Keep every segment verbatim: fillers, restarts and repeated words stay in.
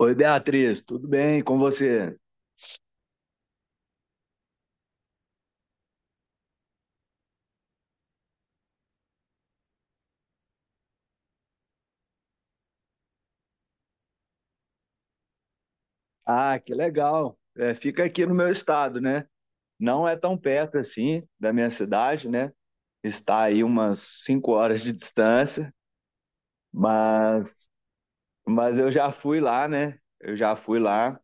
Oi, Beatriz, tudo bem com você? Ah, que legal. É, fica aqui no meu estado, né? Não é tão perto assim da minha cidade, né? Está aí umas cinco horas de distância, mas, mas eu já fui lá, né? Eu já fui lá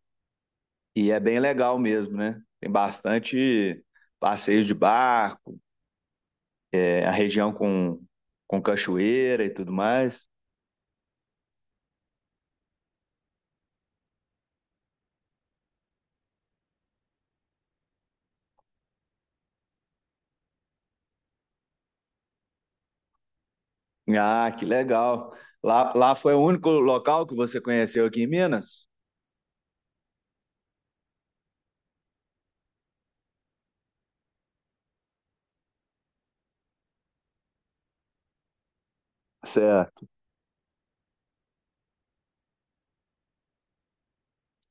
e é bem legal mesmo, né? Tem bastante passeio de barco, é, a região com, com cachoeira e tudo mais. Ah, que legal. Lá, lá foi o único local que você conheceu aqui em Minas?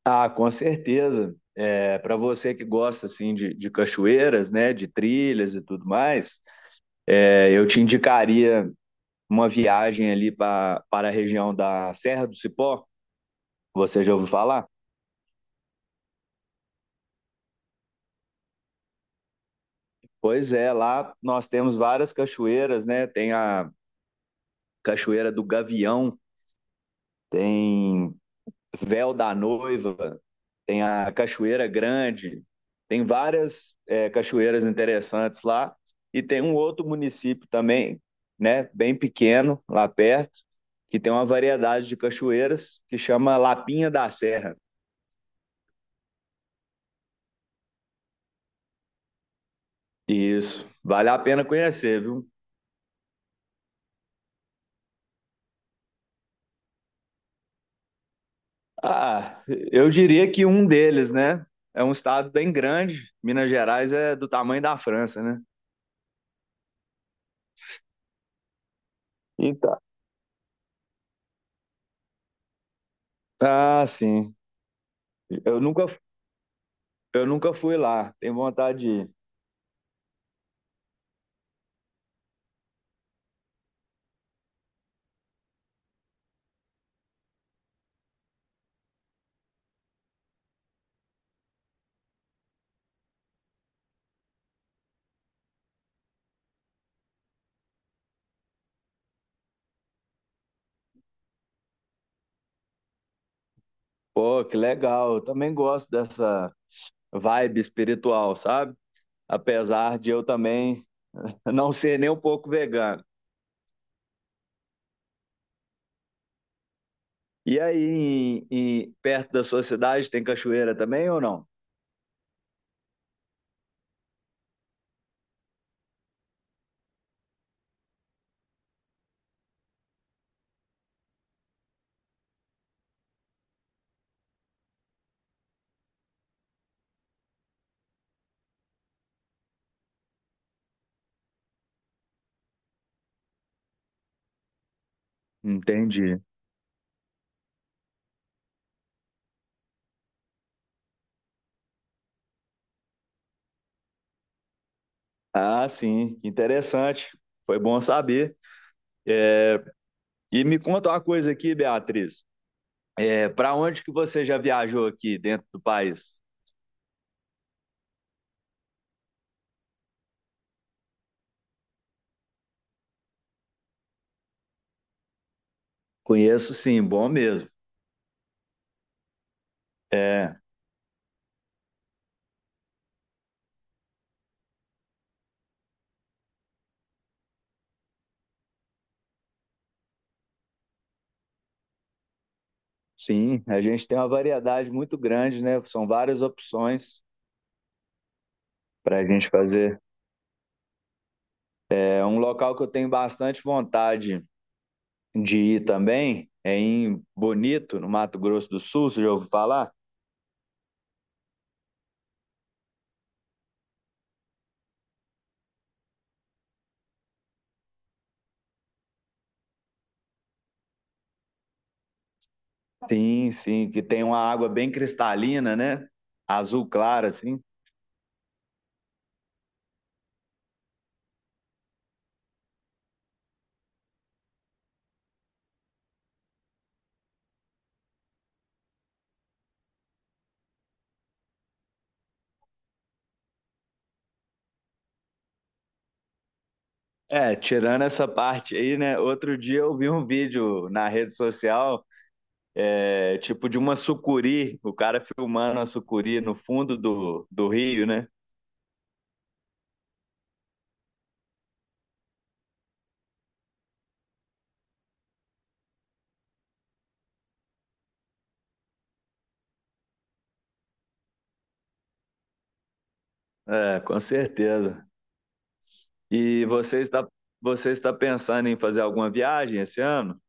Ah, com certeza. É, para você que gosta assim de, de cachoeiras, né, de trilhas e tudo mais, é, eu te indicaria uma viagem ali pra, para a região da Serra do Cipó. Você já ouviu falar? Pois é, lá nós temos várias cachoeiras, né? Tem a Cachoeira do Gavião, tem Véu da Noiva, tem a Cachoeira Grande, tem várias é, cachoeiras interessantes lá. E tem um outro município também, né, bem pequeno, lá perto, que tem uma variedade de cachoeiras que chama Lapinha da Serra. Isso, vale a pena conhecer, viu? Ah, eu diria que um deles, né? É um estado bem grande. Minas Gerais é do tamanho da França, né? Então, ah, sim. Eu nunca, eu nunca fui lá. Tenho vontade de ir. Pô, que legal. Eu também gosto dessa vibe espiritual, sabe? Apesar de eu também não ser nem um pouco vegano. E aí, em- em- perto da sua cidade, tem cachoeira também ou não? Entendi. Ah, sim, que interessante. Foi bom saber. E me conta uma coisa aqui, Beatriz. É, para onde que você já viajou aqui dentro do país? Conheço, sim, bom mesmo. É, sim, a gente tem uma variedade muito grande, né? São várias opções para a gente fazer. É um local que eu tenho bastante vontade de ir também, é em Bonito, no Mato Grosso do Sul, você já ouviu falar? Sim, sim, que tem uma água bem cristalina, né? Azul clara, assim. É, tirando essa parte aí, né? Outro dia eu vi um vídeo na rede social, é, tipo de uma sucuri, o cara filmando a sucuri no fundo do, do rio, né? É, com certeza. E você está, você está pensando em fazer alguma viagem esse ano?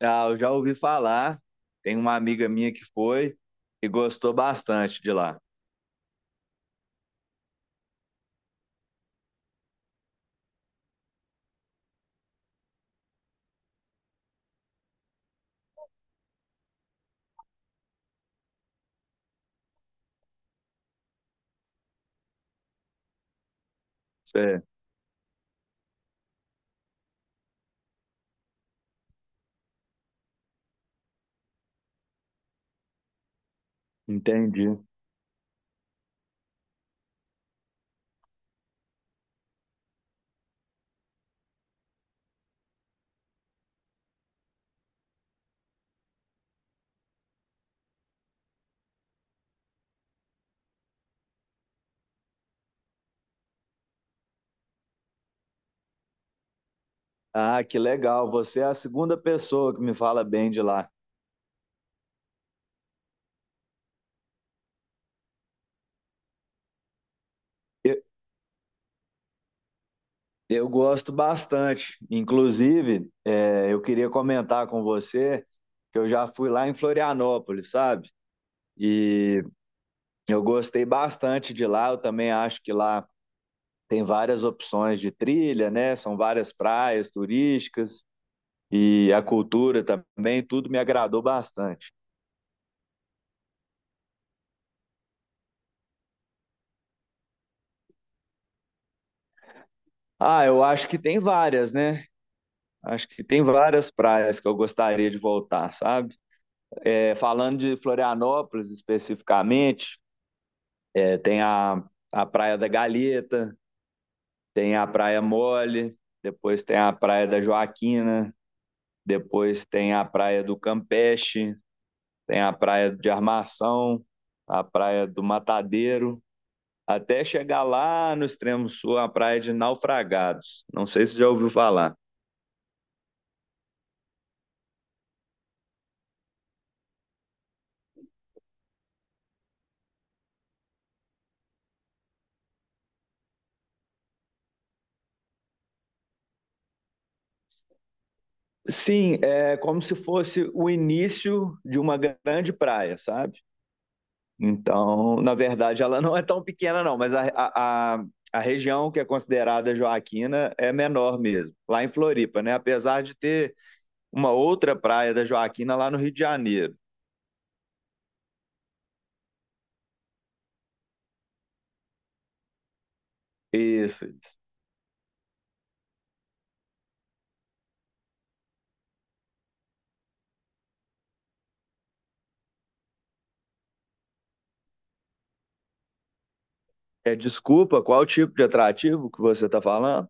Ah, eu já ouvi falar. Tem uma amiga minha que foi e gostou bastante de lá. Cê- Entendi. Ah, que legal. Você é a segunda pessoa que me fala bem de lá. Eu, eu gosto bastante. Inclusive, é, eu queria comentar com você que eu já fui lá em Florianópolis, sabe? E eu gostei bastante de lá. Eu também acho que lá tem várias opções de trilha, né? São várias praias turísticas. E a cultura também, tudo me agradou bastante. Ah, eu acho que tem várias, né? Acho que tem várias praias que eu gostaria de voltar, sabe? É, falando de Florianópolis especificamente, é, tem a, a Praia da Galheta, tem a Praia Mole, depois tem a Praia da Joaquina, depois tem a Praia do Campeche, tem a Praia de Armação, a Praia do Matadeiro. Até chegar lá no extremo sul, a praia de Naufragados. Não sei se já ouviu falar. Sim, é como se fosse o início de uma grande praia, sabe? Então, na verdade, ela não é tão pequena, não, mas a, a, a região que é considerada Joaquina é menor mesmo, lá em Floripa, né? Apesar de ter uma outra praia da Joaquina lá no Rio de Janeiro. Isso. Isso. É, desculpa, qual tipo de atrativo que você está falando?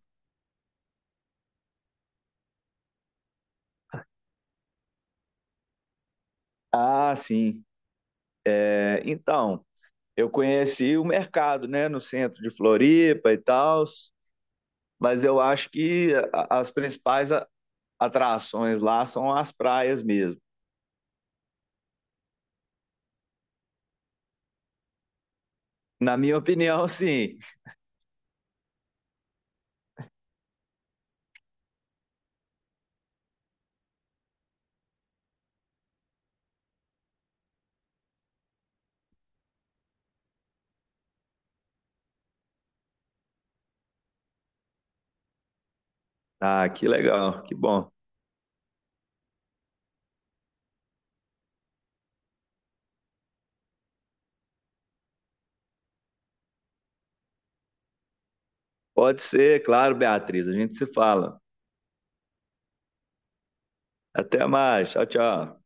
Ah, sim. É, então, eu conheci o mercado, né, no centro de Floripa e tal, mas eu acho que a- as principais a- atrações lá são as praias mesmo. Na minha opinião, sim. Ah, que legal, que bom. Pode ser, claro, Beatriz, a gente se fala. Até mais, tchau, tchau.